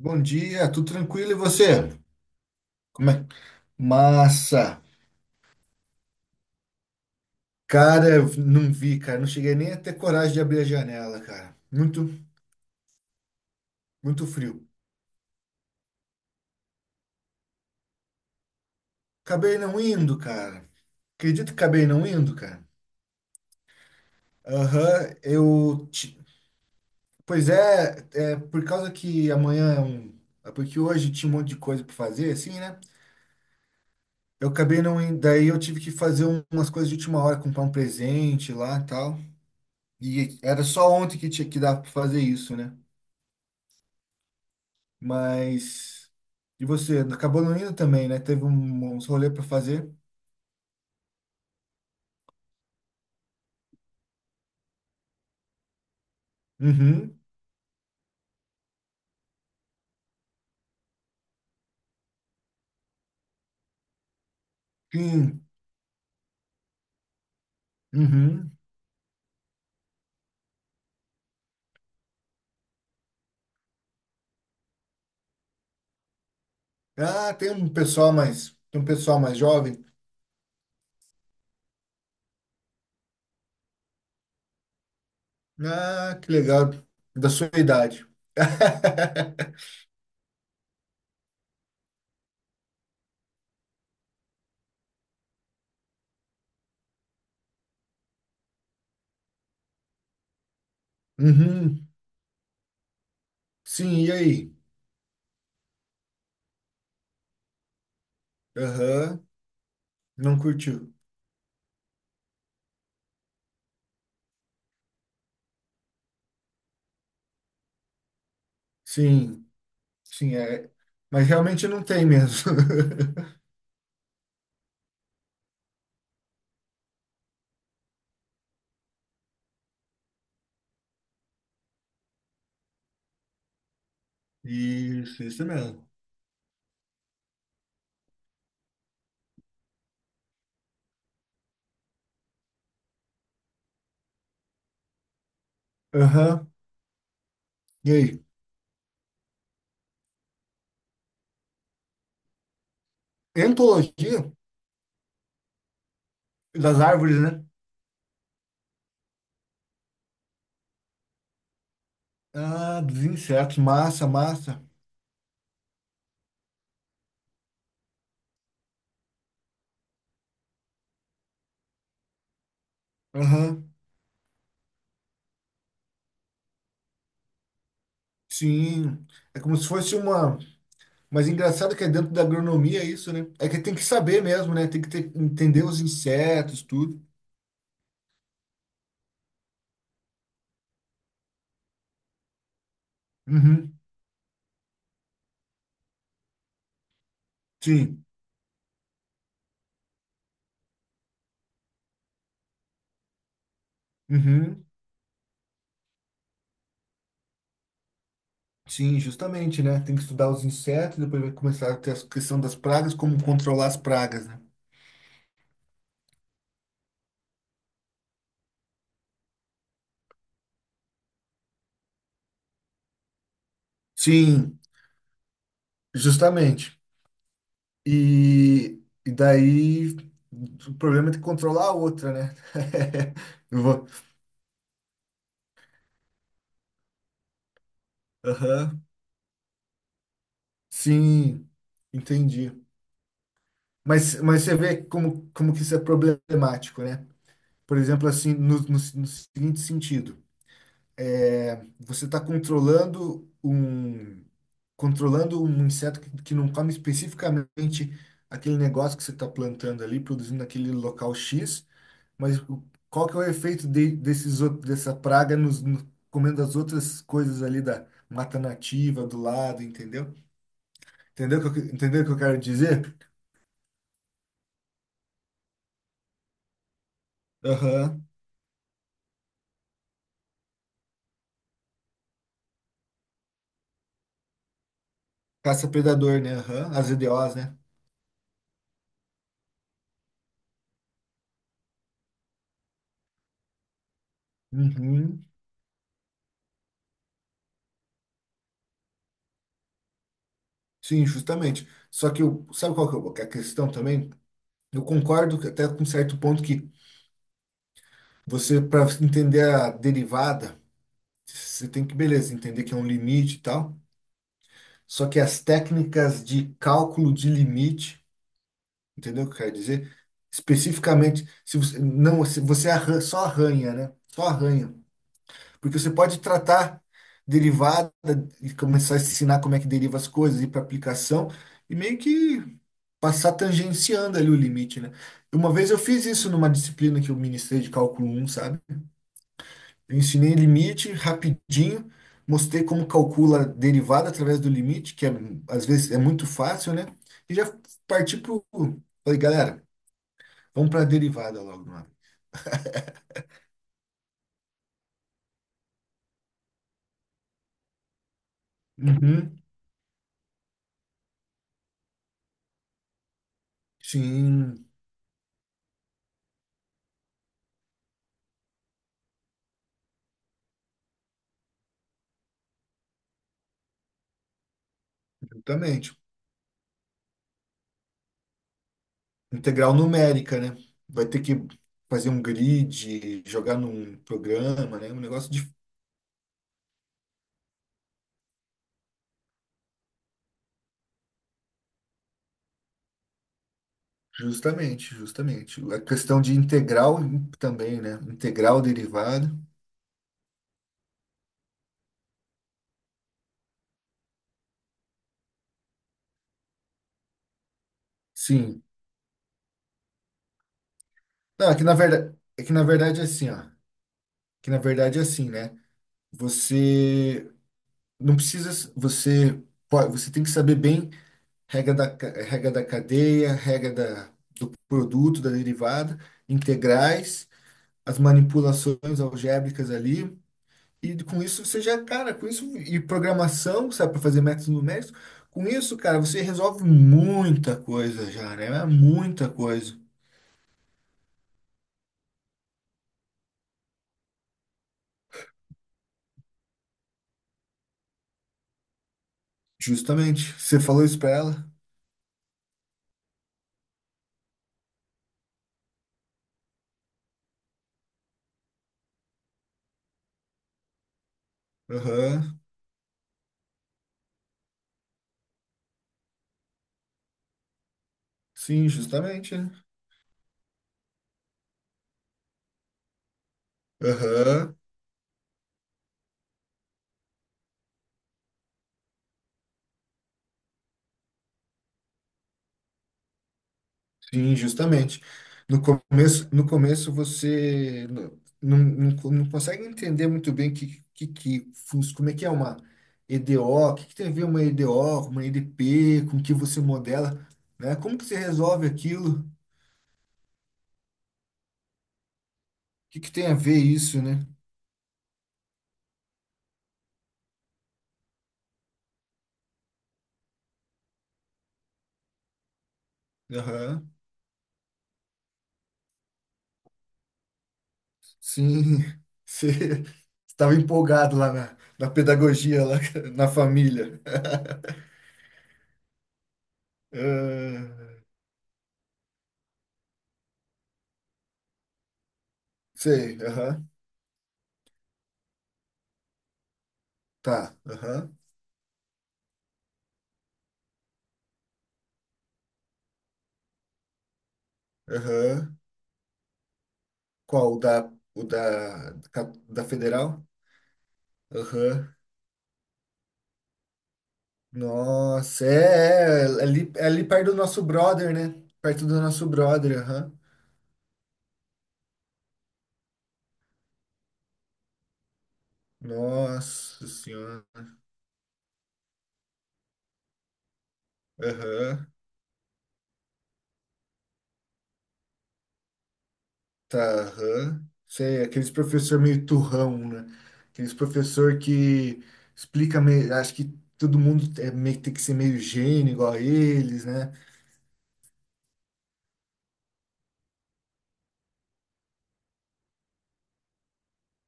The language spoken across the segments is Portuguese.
Bom dia, tudo tranquilo e você? Como é? Massa! Cara, eu não vi, cara, não cheguei nem a ter coragem de abrir a janela, cara. Muito, muito frio. Acabei não indo, cara. Acredito que acabei não indo, cara. Aham, Pois é, por causa que amanhã é um. Porque hoje tinha um monte de coisa pra fazer, assim, né? Eu acabei não indo. Daí eu tive que fazer umas coisas de última hora, comprar um presente lá e tal. E era só ontem que tinha que dar pra fazer isso, né? Mas. E você? Acabou não indo também, né? Teve uns rolê para fazer. Uhum. Sim. Uhum. Ah, tem um pessoal mais. Tem um pessoal mais jovem. Ah, que legal. Da sua idade. Uhum. Sim, e aí? Aham. Não curtiu. Sim, sim, é. Mas realmente não tem mesmo. Isso mesmo. Aham. E aí? Entologia das árvores, né? Ah, dos insetos. Massa, massa. Aham. Sim. É como se fosse uma. Mas engraçado que é dentro da agronomia isso, né? É que tem que saber mesmo, né? Tem que entender os insetos, tudo. Uhum. Sim. Uhum. Sim, justamente, né? Tem que estudar os insetos, depois vai começar a ter a questão das pragas, como controlar as pragas, né? Sim, justamente. E daí o problema é ter que controlar a outra, né? Eu vou. Aham. Sim, entendi. Mas você vê como que isso é problemático, né? Por exemplo, assim, no seguinte sentido, você está controlando um inseto que não come especificamente aquele negócio que você está plantando ali, produzindo naquele local X, mas qual que é o efeito dessa praga nos, no- comendo as outras coisas ali da mata nativa do lado, entendeu? Entendeu o que eu quero dizer? Aham. Caça-predador, né? Aham. As EDOs, né? Uhum. Sim, justamente. Só que eu, sabe qual que é que é a questão também? Eu concordo que até com certo ponto que você, para entender a derivada, você tem que, beleza, entender que é um limite e tal. Só que as técnicas de cálculo de limite, entendeu o que eu quero dizer? Especificamente, se você, não, se você só arranha, né? Só arranha. Porque você pode tratar derivada e começar a ensinar como é que deriva as coisas, ir para aplicação e meio que passar tangenciando ali o limite, né? Uma vez eu fiz isso numa disciplina que eu ministrei de cálculo um, sabe? Eu ensinei limite rapidinho, mostrei como calcula a derivada através do limite, que é, às vezes é muito fácil, né? E já parti pro... Falei, galera, vamos para a derivada logo, mano. Uhum, sim, exatamente. Integral numérica, né? Vai ter que fazer um grid, jogar num programa, né? Um negócio de... Justamente, justamente. A questão de integral também, né? Integral derivada. Sim. Não, é que na verdade, é assim, ó. Que na verdade é assim, né? Você não precisa, você pode, você tem que saber bem regra da cadeia, regra do produto, da derivada, integrais, as manipulações algébricas ali. E com isso você já, cara, com isso e programação, sabe, para fazer métodos numéricos, com isso, cara, você resolve muita coisa já, né? É muita coisa. Justamente. Você falou isso para ela? Aham. Sim, justamente, né? Aham. Sim, justamente. No começo você não consegue entender muito bem como é que é uma EDO, o que tem a ver uma EDO, uma EDP, com o que você modela, né? Como que você resolve aquilo? Que tem a ver isso, né? Aham. Sim, você estava empolgado lá na pedagogia, lá na família. Ah, sei, aham. Tá, aham, aham. Qual, o da Federal? Aham. Nossa, é ali perto do nosso brother, né? Perto do nosso brother, aham. Nossa senhora. Aham. Tá, aham. Sei, aqueles professor meio turrão, né? Aqueles professor que explica meio, acho que todo mundo é meio, tem que ser meio gênio igual a eles, né?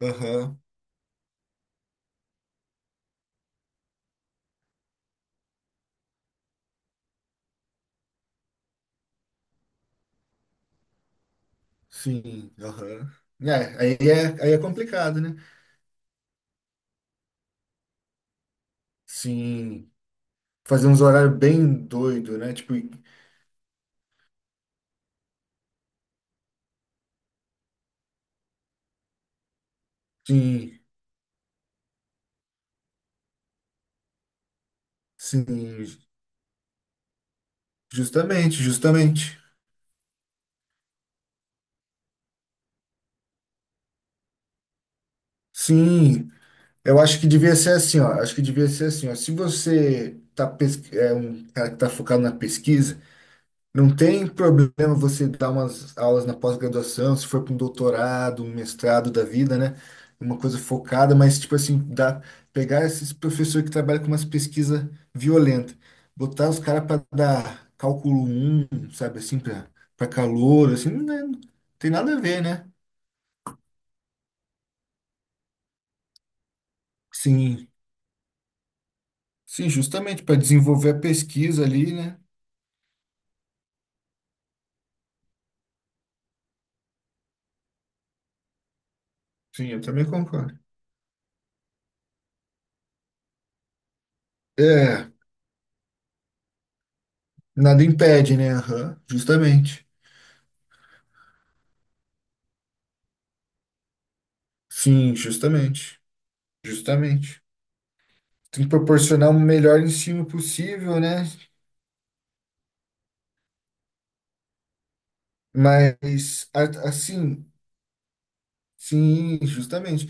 Aham. Sim, aham. É, aí é complicado, né? Sim. Fazer uns horários bem doido, né? Tipo, sim, sim, justamente, justamente. Sim, eu acho que devia ser assim, ó. Acho que devia ser assim, ó. Se você é um cara que tá focado na pesquisa. Não tem problema você dar umas aulas na pós-graduação, se for para um doutorado, um mestrado da vida, né? Uma coisa focada, mas tipo assim, dá, pegar esses professores que trabalham com umas pesquisas violentas, botar os caras para dar cálculo um, sabe assim, para calor, assim, não, não tem nada a ver, né? Sim, sim, justamente para desenvolver a pesquisa ali, né? Sim, eu também concordo. É, nada impede, né? Aham, justamente. Sim, justamente. Justamente. Tem que proporcionar o melhor ensino possível, né? Mas, assim, sim, justamente.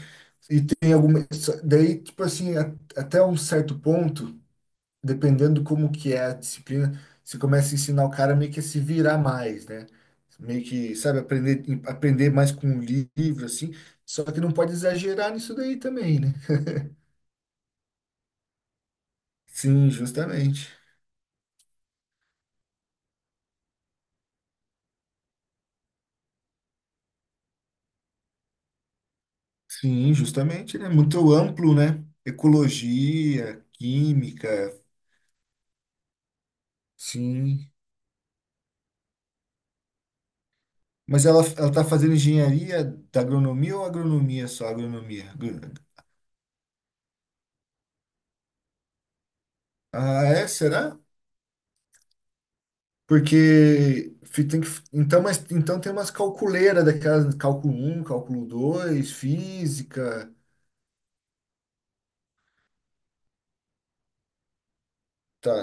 E tem algumas. Daí, tipo assim, até um certo ponto, dependendo como que é a disciplina, você começa a ensinar o cara meio que a se virar mais, né? Meio que, sabe, aprender mais com o livro, assim. Só que não pode exagerar nisso daí também, né? Sim, justamente. Sim, justamente, né? Muito amplo, né? Ecologia, química. Sim. Mas ela tá fazendo engenharia da agronomia ou agronomia só? Agronomia. Ah, é? Será? Porque tem que, então, mas, então tem umas calculeiras daquelas, cálculo um cálculo dois física. Tá,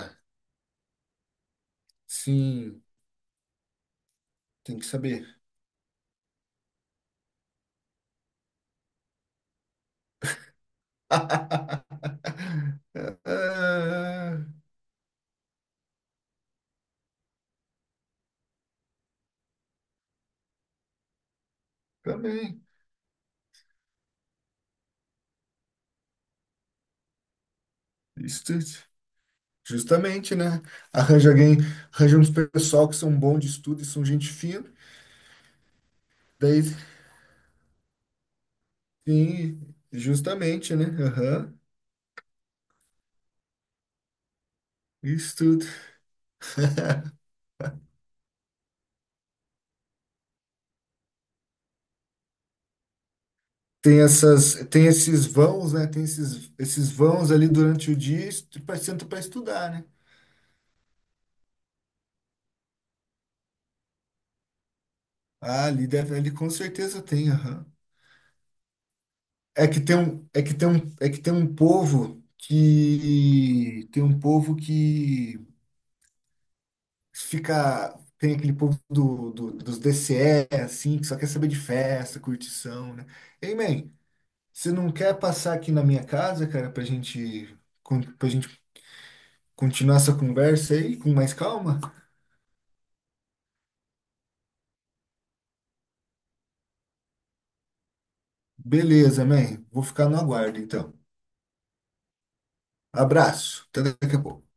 sim, tem que saber. Ah, também. Isso, justamente, né? Arranja alguém, arranja uns pessoal que são bons de estudo e são gente fina. Daí, sim, justamente, né? Aham. Isso tudo. Tem esses vãos, né? Tem esses vãos ali durante o dia, senta para estudar, né? Ah, ali com certeza tem, aham. É que tem um, é que tem um, é que tem um povo que fica, tem aquele povo dos DCE, assim, que só quer saber de festa, curtição, né? Ei, man, você não quer passar aqui na minha casa, cara, pra gente para gente continuar essa conversa aí com mais calma? Beleza, man. Vou ficar no aguardo, então. Abraço. Até daqui a pouco.